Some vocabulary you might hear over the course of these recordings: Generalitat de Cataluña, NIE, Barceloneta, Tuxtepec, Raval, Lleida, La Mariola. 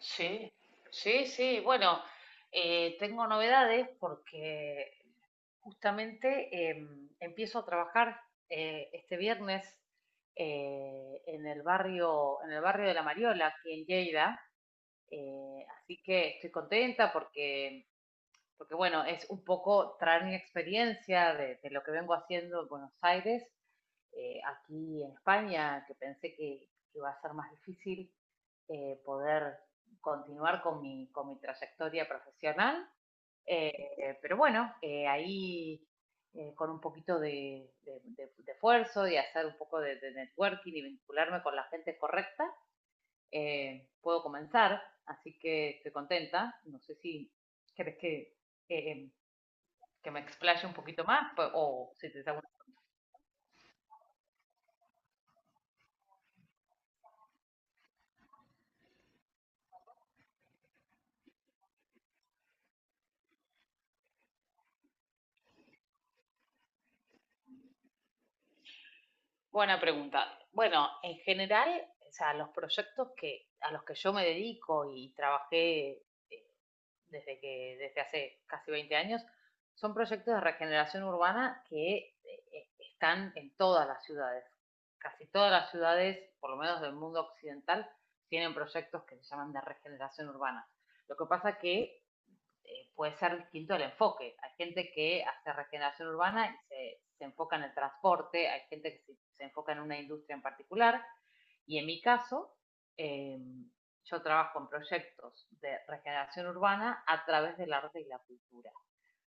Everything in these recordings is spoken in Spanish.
Sí, sí, sí. Bueno, tengo novedades porque justamente empiezo a trabajar este viernes en el barrio de La Mariola, aquí en Lleida. Así que estoy contenta porque, porque bueno, es un poco traer mi experiencia de lo que vengo haciendo en Buenos Aires, aquí en España, que pensé que iba a ser más difícil poder continuar con mi trayectoria profesional. Pero bueno, ahí, con un poquito de esfuerzo y hacer un poco de networking y vincularme con la gente correcta, puedo comenzar. Así que estoy contenta. No sé si querés eh, que me explaye un poquito más pues, o si te hago. Buena pregunta. Bueno, en general, o sea, los proyectos que, a los que yo me dedico y trabajé, eh, desde que, desde hace casi 20 años, son proyectos de regeneración urbana que están en todas las ciudades. Casi todas las ciudades, por lo menos del mundo occidental, tienen proyectos que se llaman de regeneración urbana. Lo que pasa que puede ser distinto el enfoque. Hay gente que hace regeneración urbana y se enfoca en el transporte, hay gente que se enfoca en una industria en particular. Y en mi caso, eh, yo trabajo en proyectos de regeneración urbana a través del arte y la cultura.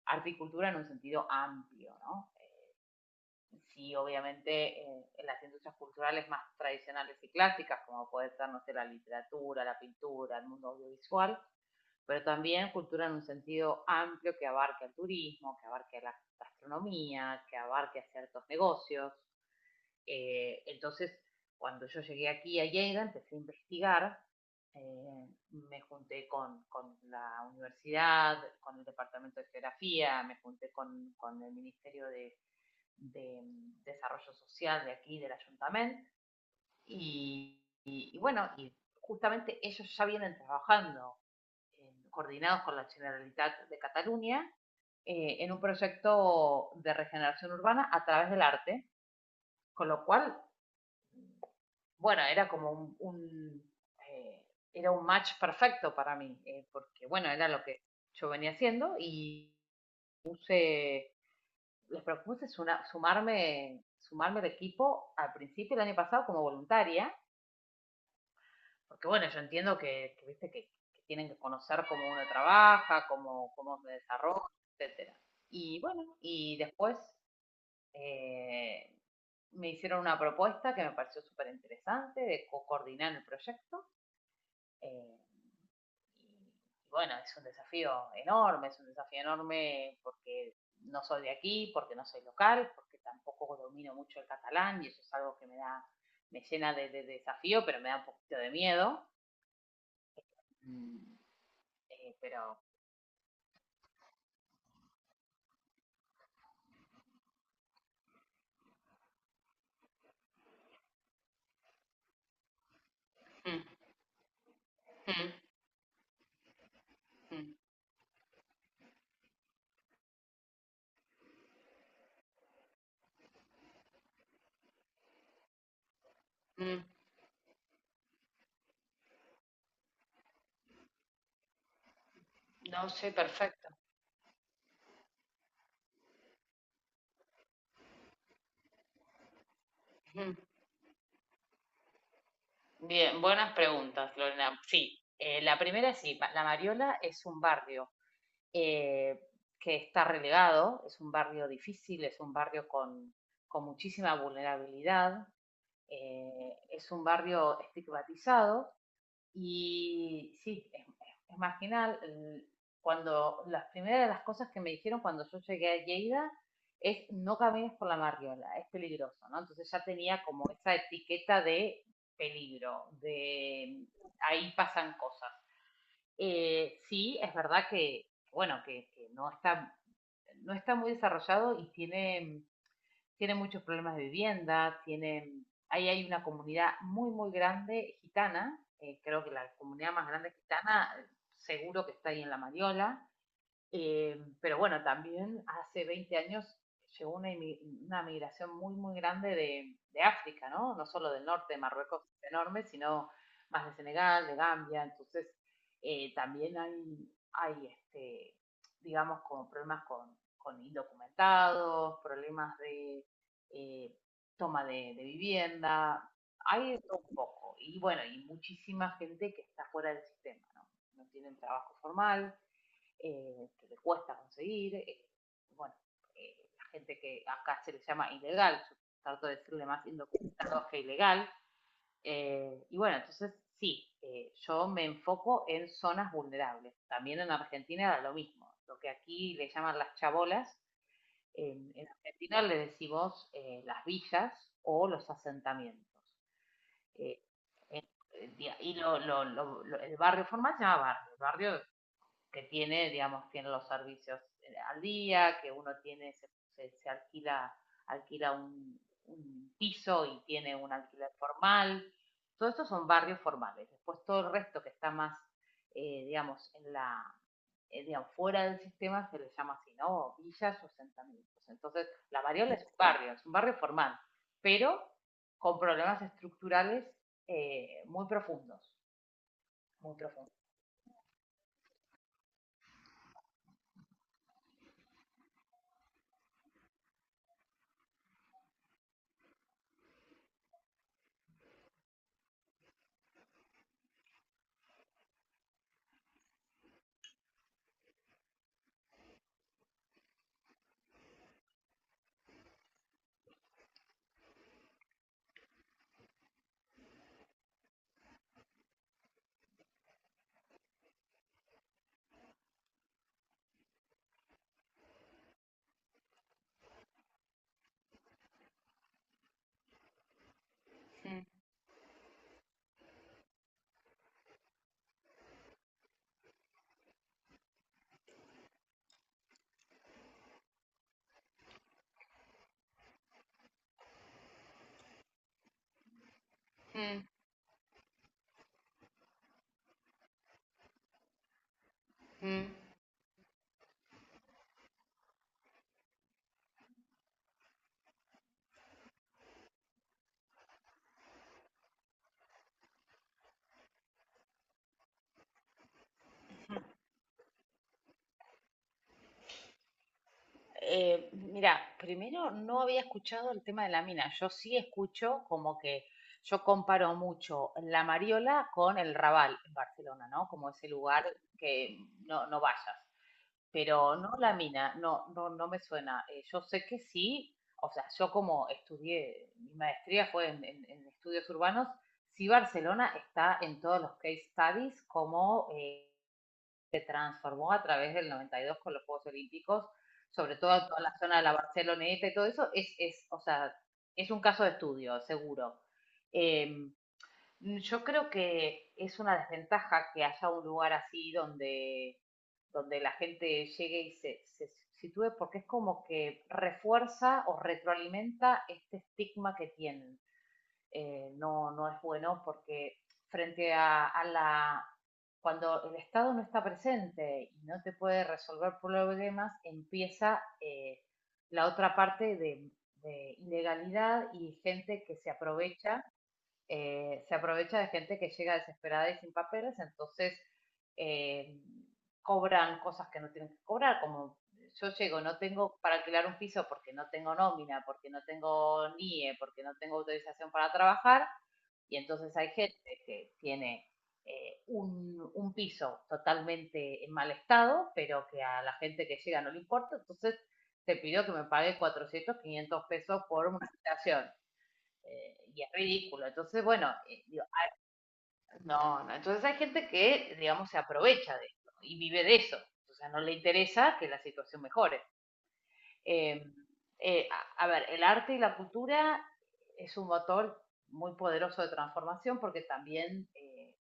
Arte y cultura en un sentido amplio, ¿no? Sí, obviamente en las industrias culturales más tradicionales y clásicas, como puede ser, no sé, la literatura, la pintura, el mundo audiovisual, pero también cultura en un sentido amplio que abarque el turismo, que abarque la gastronomía, que abarque a ciertos negocios. Entonces, cuando yo llegué aquí a Lleida, empecé a investigar. Me junté con la universidad, con el Departamento de Geografía, me junté con el Ministerio de Desarrollo Social de aquí, del Ayuntamiento, y, y bueno, y justamente ellos ya vienen trabajando coordinados con la Generalitat de Cataluña, en un proyecto de regeneración urbana a través del arte, con lo cual, bueno, era como un eh, era un match perfecto para mí, porque bueno, era lo que yo venía haciendo y les propuse sumarme, sumarme al equipo al principio del año pasado como voluntaria, porque bueno, yo entiendo que, viste, que tienen que conocer cómo uno trabaja, cómo, cómo se desarrolla, etcétera. Y bueno, y después eh, me hicieron una propuesta que me pareció súper interesante de coordinar el proyecto. eh, y bueno, es un desafío enorme, es un desafío enorme porque no soy de aquí, porque no soy local, porque tampoco domino mucho el catalán y eso es algo que me da, me llena de desafío, pero me da un poquito de miedo. Mm, eh, pero Mm, mm, mm, mm. No, sí, perfecto. Mm. Bien, buenas preguntas, Lorena. Sí, la primera es sí. La Mariola es un barrio eh, que está relegado, es un barrio difícil, es un barrio con muchísima vulnerabilidad, es un barrio estigmatizado y sí, es marginal. Cuando las primeras de las cosas que me dijeron cuando yo llegué a Lleida es no camines por la marriola, es peligroso, ¿no? Entonces ya tenía como esa etiqueta de peligro, de ahí pasan cosas. Sí, es verdad que, bueno, que no está, no está muy desarrollado y tienen muchos problemas de vivienda, tienen, ahí hay una comunidad muy, muy grande gitana, creo que la comunidad más grande gitana seguro que está ahí en La Mariola. Pero bueno, también hace 20 años llegó una migración muy, muy grande de África, ¿no? No solo del norte de Marruecos, es enorme, sino más de Senegal, de Gambia. Entonces, también hay este, digamos, como problemas con indocumentados, problemas de eh, toma de vivienda. Hay de todo un poco. Y bueno, y muchísima gente que está fuera del sistema, ¿no? No tienen trabajo formal que le cuesta conseguir. Bueno, la gente que acá se le llama ilegal, yo trato de decirle más indocumentado que ilegal. Y bueno, entonces sí, yo me enfoco en zonas vulnerables. También en Argentina era lo mismo. Lo que aquí le llaman las chabolas, en Argentina le decimos las villas o los asentamientos. Eh, eh, el barrio formal se llama barrio, el barrio que tiene, digamos, tiene los servicios al día, que uno tiene, se, se alquila, alquila un piso y tiene un alquiler formal. Todos estos son barrios formales. Después todo el resto que está más, digamos, en la, digamos, fuera del sistema se le llama así, ¿no? O villas o asentamientos. Entonces, la Variola es un barrio formal, pero con problemas estructurales muy profundos, muy profundos. Mm. Mira, primero no había escuchado el tema de la mina. Yo sí escucho como que yo comparo mucho la Mariola con el Raval en Barcelona, ¿no? Como ese lugar que no, no vayas. Pero no la mina, no, no, no me suena. Yo sé que sí, o sea, yo como estudié, mi maestría fue en, en estudios urbanos. Sí, Barcelona está en todos los case studies como transformó a través del 92 con los Juegos Olímpicos, sobre todo toda la zona de la Barceloneta y todo eso, es, o sea, es un caso de estudio, seguro. Eh, yo creo que es una desventaja que haya un lugar así donde, donde la gente llegue y se sitúe, porque es como que refuerza o retroalimenta este estigma que tienen. No, no es bueno porque frente a la... Cuando el Estado no está presente y no te puede resolver problemas, empieza la otra parte de ilegalidad y gente que se aprovecha, se aprovecha de gente que llega desesperada y sin papeles. Entonces, eh, cobran cosas que no tienen que cobrar, como yo llego, no tengo para alquilar un piso porque no tengo nómina, porque no tengo NIE, porque no tengo autorización para trabajar, y entonces hay gente que tiene un piso totalmente en mal estado, pero que a la gente que llega no le importa, entonces te pidió que me pague 400, 500 pesos por una habitación. Es ridículo. Entonces, bueno, digo, no, no. Entonces hay gente que, digamos, se aprovecha de esto y vive de eso. O sea, no le interesa que la situación mejore. Eh, eh, a ver, el arte y la cultura es un motor muy poderoso de transformación porque también eh,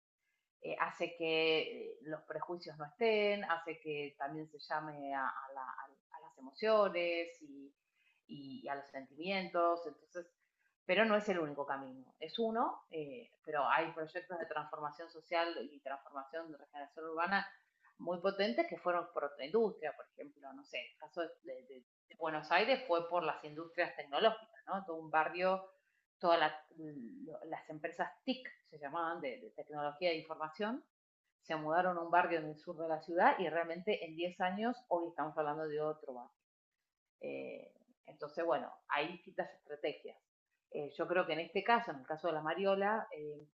eh, hace que los prejuicios no estén, hace que también se llame a las emociones y a los sentimientos, entonces, pero no es el único camino, es uno. Pero hay proyectos de transformación social y transformación de regeneración urbana muy potentes que fueron por otra industria, por ejemplo, no sé, el caso de Buenos Aires fue por las industrias tecnológicas, ¿no? Todo un barrio todas la, las empresas TIC, se llamaban, tecnología de información, se mudaron a un barrio en el sur de la ciudad y realmente en 10 años hoy estamos hablando de otro barrio. Eh, entonces, bueno, hay distintas estrategias. Yo creo que en este caso, en el caso de la Mariola, eh,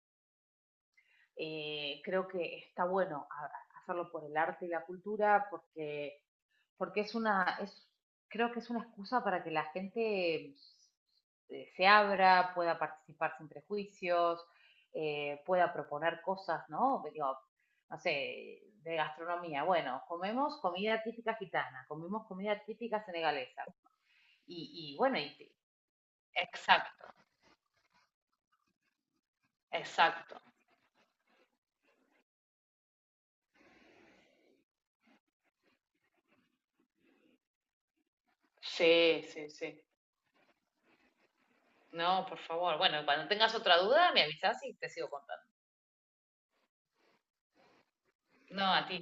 eh, creo que está bueno a hacerlo por el arte y la cultura porque, porque es, creo que es una excusa para que la gente se abra, pueda participar sin prejuicios, pueda proponer cosas, ¿no? Digo, no sé, de gastronomía. Bueno, comemos comida típica gitana, comemos comida típica senegalesa. Y, y bueno, y, te- Exacto, exacto. Sí, sí, sí. No, por favor. Bueno, cuando tengas otra duda, me avisas y te sigo contando. No, a ti.